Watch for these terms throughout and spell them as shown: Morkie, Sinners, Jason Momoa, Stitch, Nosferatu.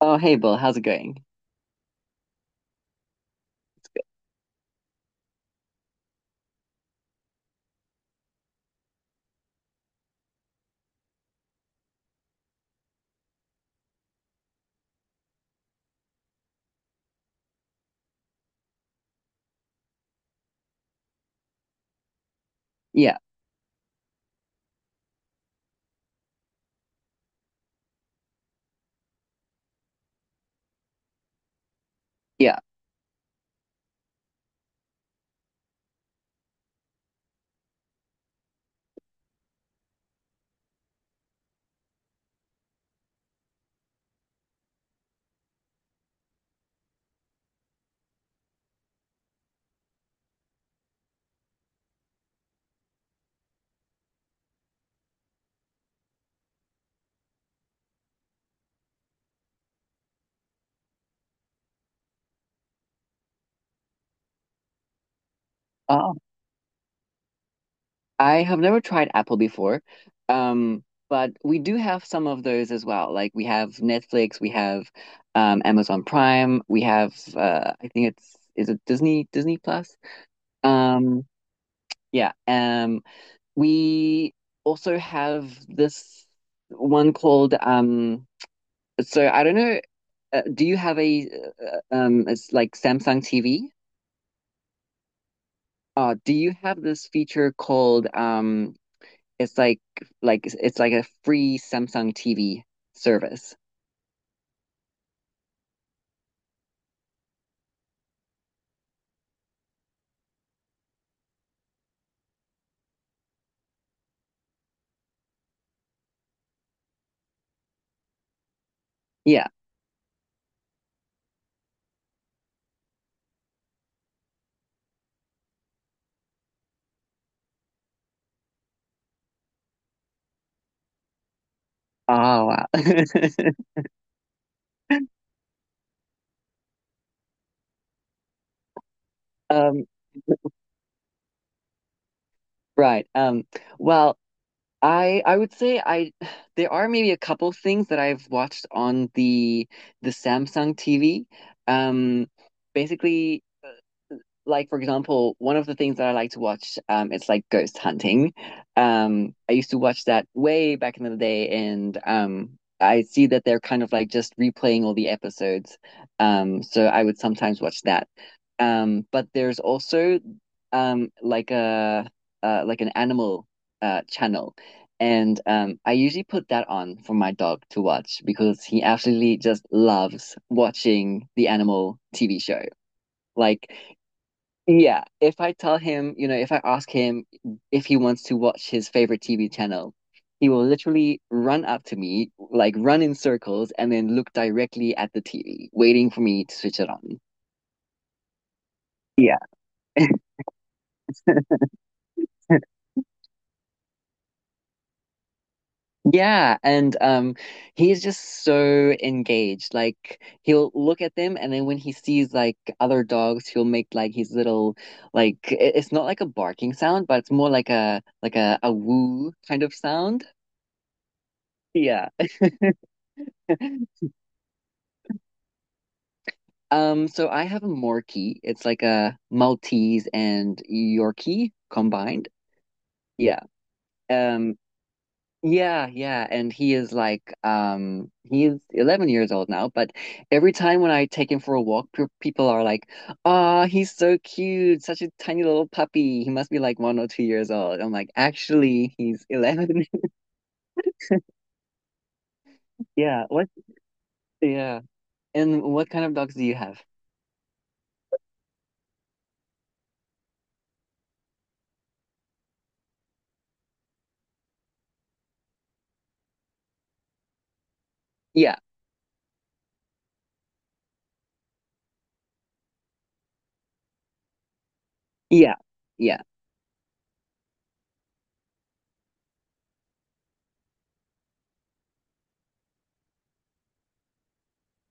Oh, hey Bill, how's it going? Yeah, yeah. Oh, I have never tried Apple before. Um, but we do have some of those as well. Like we have Netflix, we have Amazon Prime, we have I think it's, is it Disney Plus? Um, yeah. We also have this one called so I don't know, do you have a it's like Samsung TV? Do you have this feature called it's like it's like a free Samsung TV service. Yeah. Oh wow. Um, right. Well, I would say I there are maybe a couple things that I've watched on the Samsung TV. Um, Basically, like for example, one of the things that I like to watch, it's like ghost hunting. I used to watch that way back in the day, and I see that they're kind of like just replaying all the episodes. So I would sometimes watch that. But there's also like a like an animal channel. And I usually put that on for my dog to watch because he absolutely just loves watching the animal TV show. Like yeah, if I tell him, you know, if I ask him if he wants to watch his favorite TV channel, he will literally run up to me, like run in circles, and then look directly at the TV, waiting for me to switch it on. Yeah. Yeah, and he's just so engaged. Like he'll look at them and then when he sees like other dogs, he'll make like his little like it's not like a barking sound, but it's more like a like a woo kind of sound. Yeah. So I have a Morkie. It's like a Maltese and Yorkie combined. Yeah. Um, yeah, yeah. And he is like, he's 11 years old now, but every time when I take him for a walk, pe people are like, "Ah, he's so cute, such a tiny little puppy. He must be like one or two years old." I'm like, "Actually, he's 11." Yeah, what? Yeah. And what kind of dogs do you have? Yeah. Yeah. Yeah.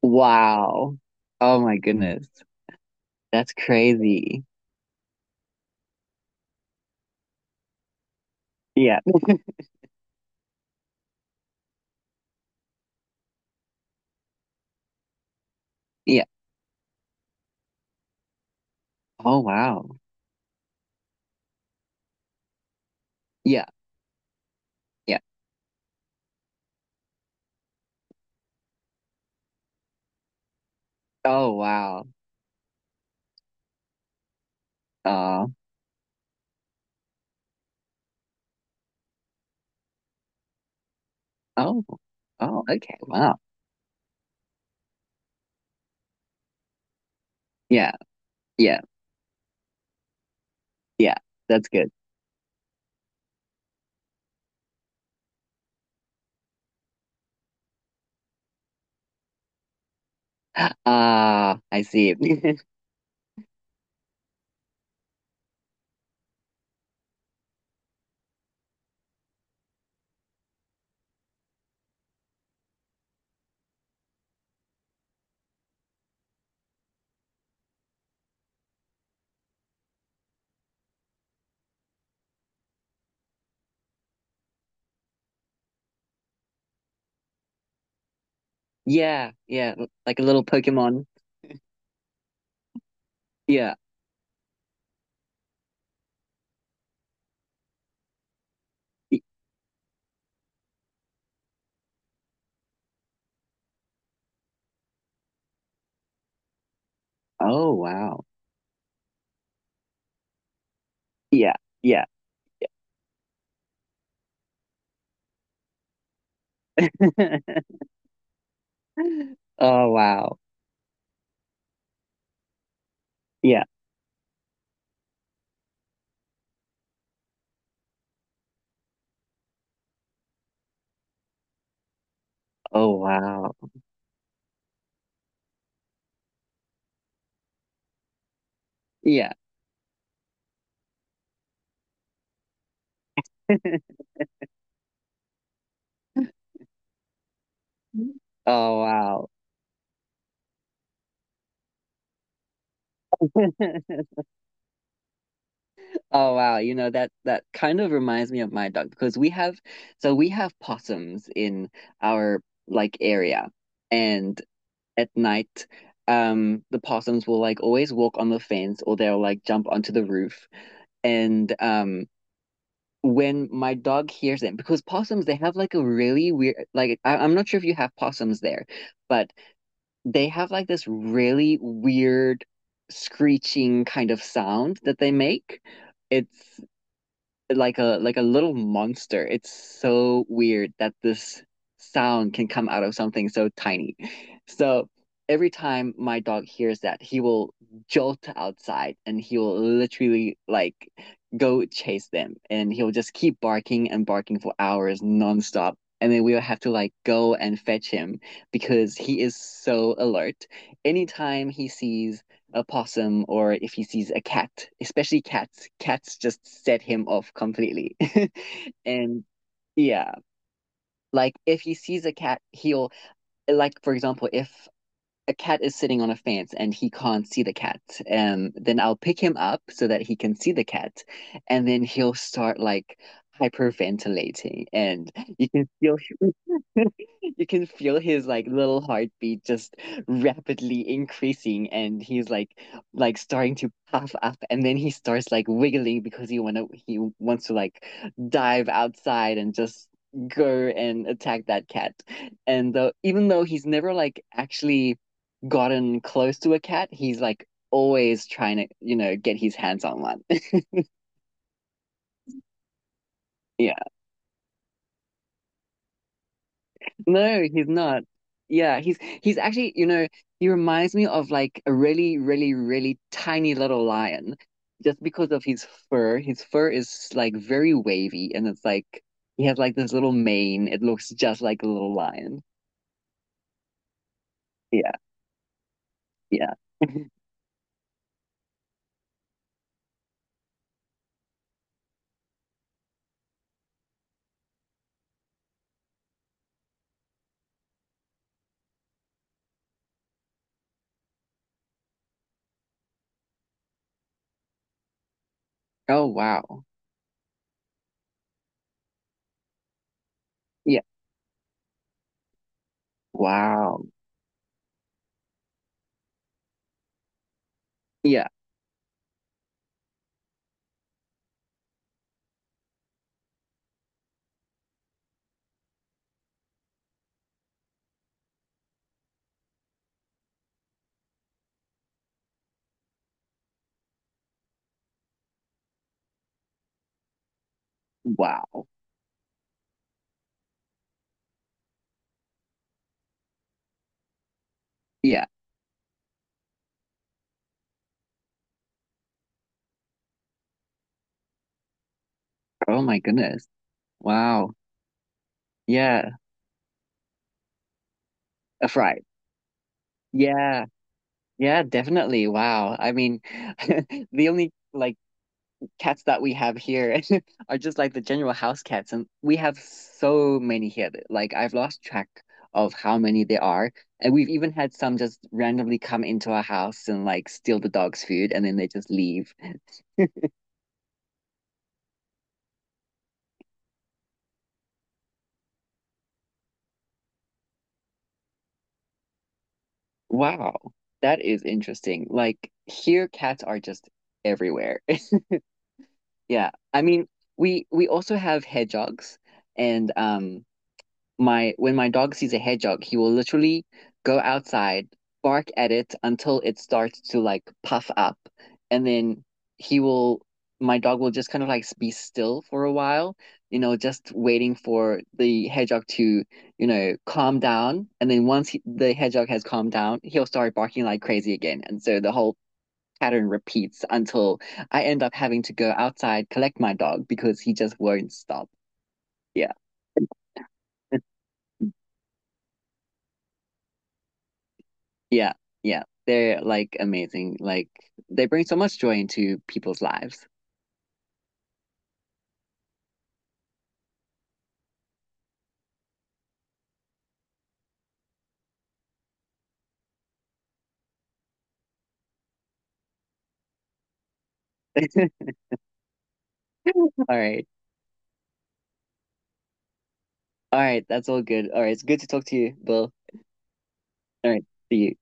Wow. Oh my goodness. That's crazy. Yeah. Yeah. Oh wow. Yeah. Yeah. Oh wow. Uh oh. Oh, okay. Wow. Yeah. Yeah. Yeah. That's good. Ah, I see. Yeah. Yeah. Like a little Pokemon. Yeah. Y- Oh wow. Yeah. Yeah. Oh wow. Yeah. Oh wow. Yeah. Oh wow. Oh wow, you know that that kind of reminds me of my dog because we have, so we have possums in our like area, and at night the possums will like always walk on the fence or they'll like jump onto the roof, and when my dog hears them, because possums, they have like a really weird like I'm not sure if you have possums there, but they have like this really weird screeching kind of sound that they make. It's like a little monster. It's so weird that this sound can come out of something so tiny. So every time my dog hears that, he will jolt outside and he will literally like go chase them and he'll just keep barking and barking for hours nonstop. And then we'll have to like go and fetch him because he is so alert. Anytime he sees a possum or if he sees a cat, especially cats. Cats just set him off completely. And yeah, like if he sees a cat, he'll like for example, if a cat is sitting on a fence and he can't see the cat, then I'll pick him up so that he can see the cat, and then he'll start like hyperventilating, and you can feel you can feel his like little heartbeat just rapidly increasing and he's like starting to puff up and then he starts like wiggling because he wants to like dive outside and just go and attack that cat. And though even though he's never like actually gotten close to a cat, he's like always trying to, you know, get his hands on one. Yeah. No, he's not. Yeah, he's actually, you know, he reminds me of like a really, really, really tiny little lion just because of his fur. His fur is like very wavy and it's like he has like this little mane. It looks just like a little lion. Yeah, yeah. Oh wow. Yeah. Wow. Yeah. Wow. Yeah. Oh my goodness. Wow. Yeah. A fright. Yeah. Yeah, definitely. Wow. I mean, the only like cats that we have here are just like the general house cats, and we have so many here. That, like I've lost track of how many there are, and we've even had some just randomly come into our house and like steal the dog's food, and then they just leave. Wow, that is interesting. Like here, cats are just everywhere. Yeah, I mean, we also have hedgehogs, and my when my dog sees a hedgehog, he will literally go outside, bark at it until it starts to like puff up, and then he will my dog will just kind of like be still for a while, you know, just waiting for the hedgehog to, you know, calm down. And then once the hedgehog has calmed down, he'll start barking like crazy again. And so the whole pattern repeats until I end up having to go outside, collect my dog because he just won't stop. Yeah. Yeah, yeah. They're like amazing. Like they bring so much joy into people's lives. All right. All right. That's all good. All right. It's good to talk to you, Bill. All right. See you.